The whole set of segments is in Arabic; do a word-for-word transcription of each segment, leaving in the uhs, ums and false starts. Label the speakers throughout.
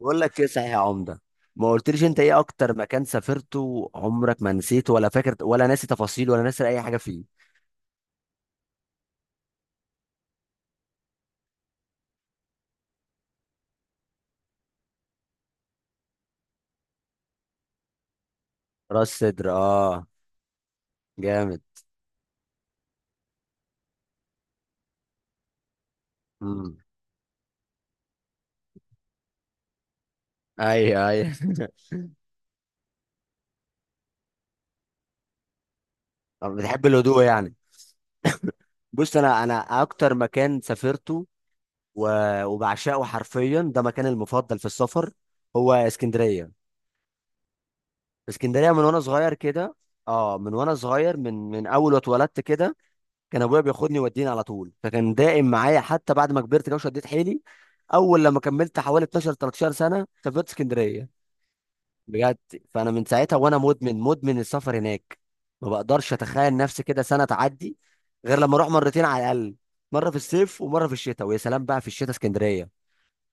Speaker 1: بقول لك ايه صحيح يا عمده. ما قلتليش انت ايه اكتر مكان سافرته عمرك ما نسيته، ولا فاكر، ولا ناسي تفاصيل، ولا ناسي اي حاجه فيه؟ راس صدر، اه، جامد. امم، ايوه ايوه طب بتحب الهدوء يعني؟ بص، انا انا اكتر مكان سافرته و- وبعشقه حرفيا، ده مكاني المفضل في السفر، هو اسكندريه. اسكندريه من وانا صغير كده. اه، من وانا صغير، من من اول ما اتولدت كده. كان ابويا بياخدني يوديني على طول، فكان دائم معايا، حتى بعد ما كبرت كده وشديت حيلي. اول لما كملت حوالي اتناشر 13 سنه سافرت اسكندريه، بجد. فانا من ساعتها وانا مدمن مدمن السفر هناك. ما بقدرش اتخيل نفسي كده سنه تعدي غير لما اروح مرتين على الاقل. مره في الصيف ومره في الشتاء، ويا سلام بقى في الشتاء، اسكندريه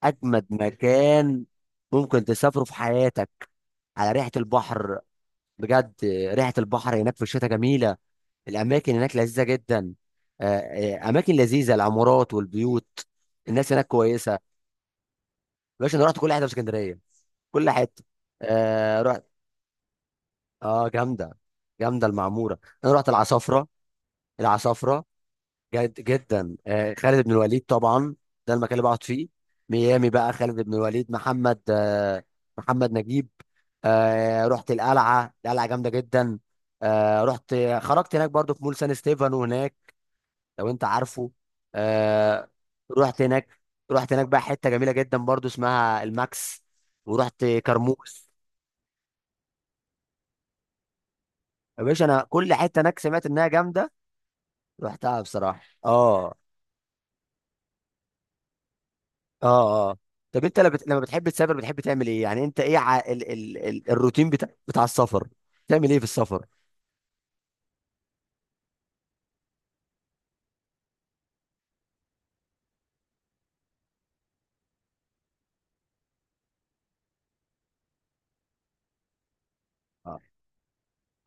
Speaker 1: اجمد مكان ممكن تسافره في حياتك. على ريحه البحر، بجد. ريحه البحر هناك في الشتاء جميله. الاماكن هناك لذيذه جدا. آه، آه، اماكن لذيذه، العمارات والبيوت. الناس هناك كويسه. باشا، انا رحت كل حته في اسكندريه، كل حته. آه رحت. اه، جامده. جامده المعموره، انا رحت العصافره، العصافره. جد جدا، آه خالد بن الوليد طبعا. ده المكان اللي بقعد فيه. ميامي بقى، خالد بن الوليد، محمد، آه محمد نجيب. آه رحت القلعه، القلعه جامده جدا. آه رحت خرجت هناك برضو في مول سان ستيفانو هناك، لو انت عارفه. آه رحت هناك رحت هناك بقى حته جميله جدا برضو اسمها الماكس. ورحت كرموز. يا باشا، انا كل حته هناك سمعت انها جامده، رحتها بصراحه. اه، اه، اه. طب انت لما بت- لما بتحب تسافر، بتحب تعمل ايه يعني؟ انت ايه ع... ال... ال... ال... الروتين بتاع بتاع السفر؟ بتعمل ايه في السفر؟ اه،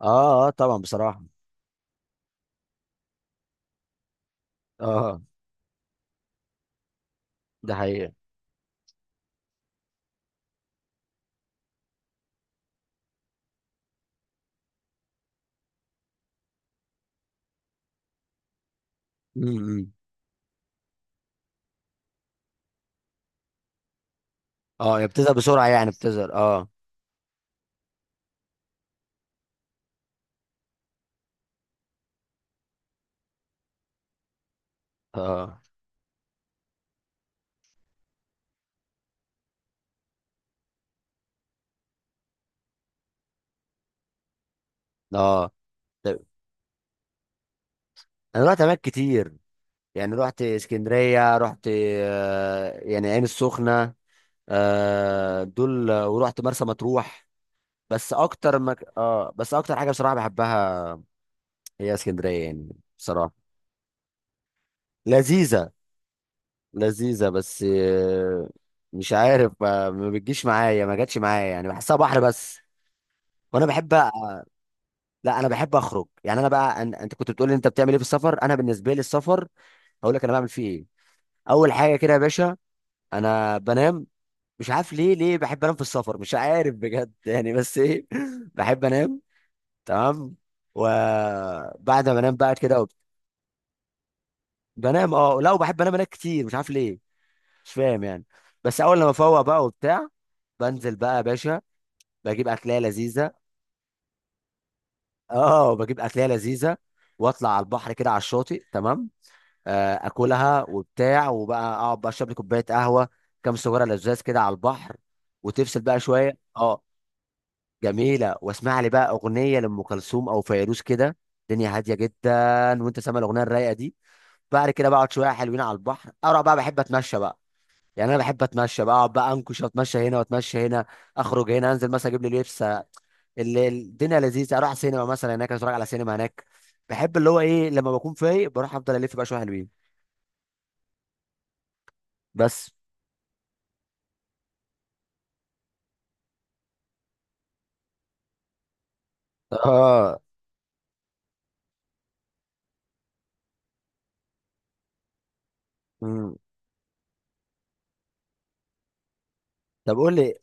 Speaker 1: اه, آه طبعا بصراحه. اه، ده حقيقه. امم. اه، يا بتزهق بسرعه يعني، بتزهق. اه، اه، اه. طب، انا رحت اماكن كتير. يعني رحت اسكندرية، رحت آه، يعني عين السخنة. آه، دول، آه، ورحت مرسى مطروح. بس اكتر مك... اه بس اكتر حاجة بصراحة بحبها هي اسكندرية يعني، بصراحة. لذيذة. لذيذة بس، آه، مش عارف، آه، ما بتجيش معايا، ما جاتش معايا يعني، بحسها بحر بس. وانا بحب أ- لا، انا بحب اخرج يعني، انا بقى أن... انت كنت بتقول لي انت بتعمل ايه في السفر. انا بالنسبة لي السفر، هقول لك انا بعمل فيه ايه. اول حاجة كده يا باشا، انا بنام. مش عارف ليه ليه بحب انام في السفر، مش عارف بجد يعني بس ايه بحب انام. تمام. وبعد ما انام بقى كده وب- بنام. اه لا، وبحب انام انام كتير، مش عارف ليه. مش فاهم يعني. بس اول لما افوق بقى وبتاع، بنزل بقى يا باشا. بجيب اكلية لذيذة. اه، بجيب اكلية لذيذة، واطلع على البحر كده، على الشاطئ، تمام. آه، اكلها وبتاع، وبقى اقعد بقى اشرب لي كوباية قهوة، كام سجارة لزاز كده على البحر، وتفصل بقى شوية. اه، جميلة، واسمع لي بقى أغنية لأم كلثوم أو فيروز كده. الدنيا هادية جدا، وأنت سامع الأغنية الرايقة دي. بعد كده بقعد شوية حلوين على البحر، أروح بقى، بحب أتمشى بقى. يعني أنا بحب أتمشى بقى، أقعد بقى أنكش، وأتمشى هنا وأتمشى هنا. أخرج هنا، أنزل مثلا أجيب لي لبس. ال- الدنيا لذيذة، أروح سينما مثلا هناك، أتفرج على سينما هناك. بحب اللي هو إيه، لما بكون فايق بروح أفضل ألف بقى شوية حلوين. بس. آه مم. طب قول لي.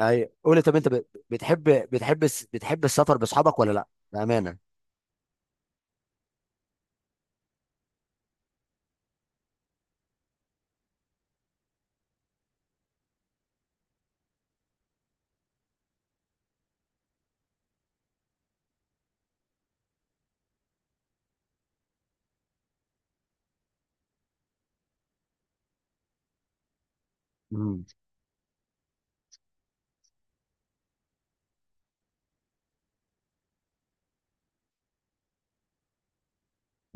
Speaker 1: أي قول لي، طب أنت بت- بتحب بتحب الس- بتحب السفر بأصحابك ولا لأ؟ بأمانة. مم.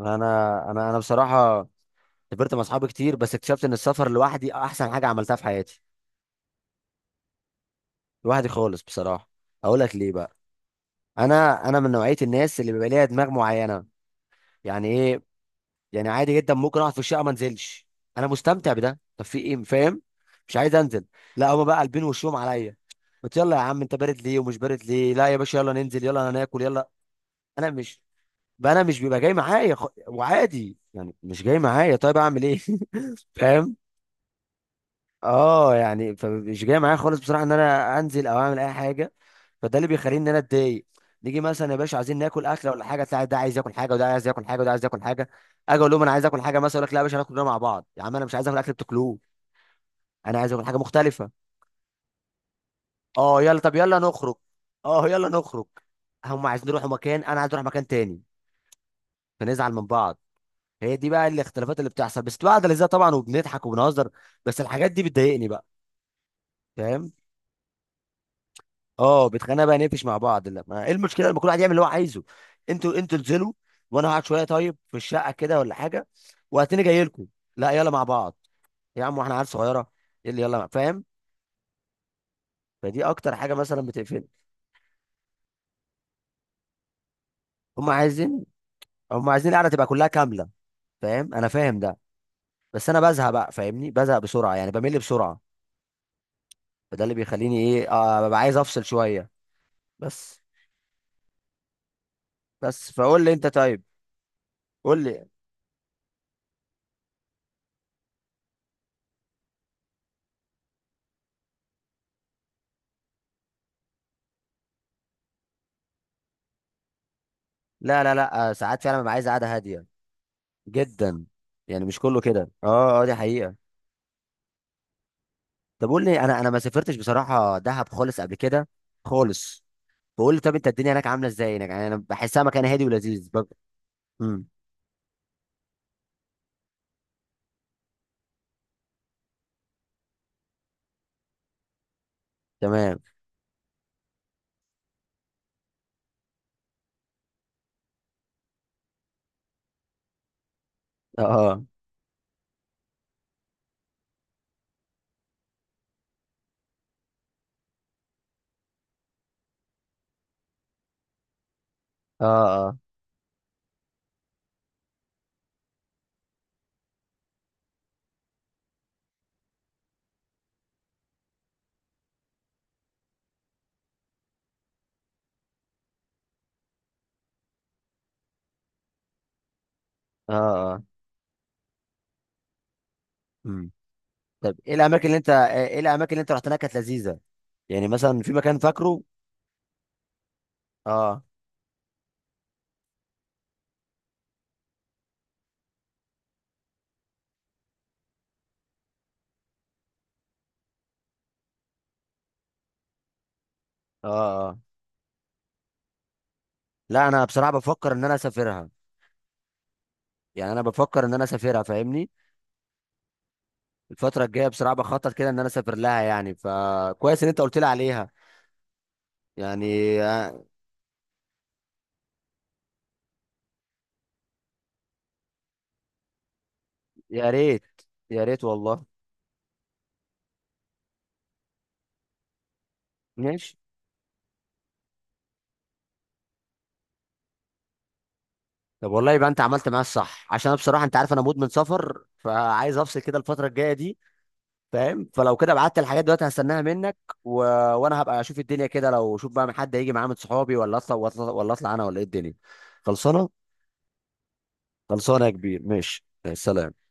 Speaker 1: انا انا انا بصراحه، سافرت مع اصحابي كتير، بس اكتشفت ان السفر لوحدي احسن حاجه عملتها في حياتي. لوحدي خالص بصراحه. اقول لك ليه بقى. انا انا من نوعيه الناس اللي بيبقى ليها دماغ معينه. يعني ايه؟ يعني عادي جدا، ممكن اقعد في الشقه ما انزلش. انا مستمتع بده، طب في ايه، فاهم. مش عايز انزل. لا، هما بقى قلبين وشهم عليا. قلت يلا يا عم، انت بارد ليه ومش بارد ليه، لا يا باشا يلا ننزل يلا هناكل يلا. انا مش، بقى انا مش بيبقى جاي معايا خ... وعادي يعني مش جاي معايا، طيب اعمل ايه؟ فاهم. اه يعني، فمش جاي معايا خالص بصراحه ان انا انزل او اعمل اي حاجه. فده اللي بيخليني ان انا اتضايق. نيجي مثلا يا باشا عايزين ناكل اكله ولا حاجه، تلاقي ده عايز ياكل حاجه، وده عايز ياكل حاجه، وده عايز ياكل حاجه. اجي اقول لهم انا عايز اكل حاجه مثلا، يقول لك لا يا باشا هناكل كلنا مع بعض، يا عم انا مش عايز اكل اكل بتاكلوه. انا عايز اكل حاجه مختلفه. اه يلا، طب يلا نخرج. اه يلا نخرج. هم عايزين يروحوا مكان، انا عايز اروح مكان تاني، فنزعل من بعض. هي دي بقى الاختلافات اللي بتحصل، بس بتبقى قاعده لذيذه طبعا، وبنضحك وبنهزر. بس الحاجات دي بتضايقني بقى، فاهم. اه، بتخانق بقى، نقفش مع بعض، لا ما ايه المشكله لما كل واحد يعمل اللي هو عايزه؟ انتوا انتوا انزلوا، وانا هقعد شويه طيب في الشقه كده ولا حاجه، وهتلاقيني جاي لكم. لا يلا مع بعض يا عم، واحنا عيال صغيره؟ إيه اللي يلا مع- فاهم؟ فدي اكتر حاجه مثلا بتقفلني. هم عايزين هم عايزين القعده تبقى كلها كامله، فاهم، انا فاهم ده. بس انا بزهق بقى، فاهمني، بزهق بسرعه يعني، بمل بسرعه. فده اللي بيخليني ايه، آه ببقى عايز افصل شويه. بس بس، فقول لي انت، طيب. قول لي. لا لا لا، آه، ساعات فعلا ببقى عايز قعده هاديه جدا. يعني مش كله كده. اه، اه، دي حقيقة. طب قول لي، انا انا ما سافرتش بصراحة دهب خالص قبل كده، خالص. بقول لي طب انت الدنيا هناك عاملة ازاي هناك يعني، انا بحسها مكان هادي ولذيذ بب... امم، تمام. اه، اه، اه، اه، اه، امم. طب ايه الاماكن اللي انت ايه الاماكن اللي انت رحت هناك كانت لذيذة؟ يعني مثلا في مكان فاكره؟ اه، اه، اه. لا، انا بصراحة بفكر ان انا اسافرها. يعني انا بفكر ان انا اسافرها، فاهمني. الفترة الجاية بصراحة بخطط كده ان انا اسافر لها يعني، فكويس ان انت قلت لي عليها، يعني. يا، يا ريت يا ريت والله. ماشي. طب والله يبقى انت عملت معايا الصح، عشان انا بصراحه انت عارف انا مدمن سفر، فعايز افصل كده الفتره الجايه دي. فاهم، فلو كده بعت الحاجات دلوقتي هستناها منك. و... وانا هبقى اشوف الدنيا كده، لو شوف بقى حد هيجي معاه من صحابي، ولا اطلع ولا اطلع ولا أطلع انا، ولا ايه الدنيا. خلصانه. خلصانه يا كبير، ماشي. سلام.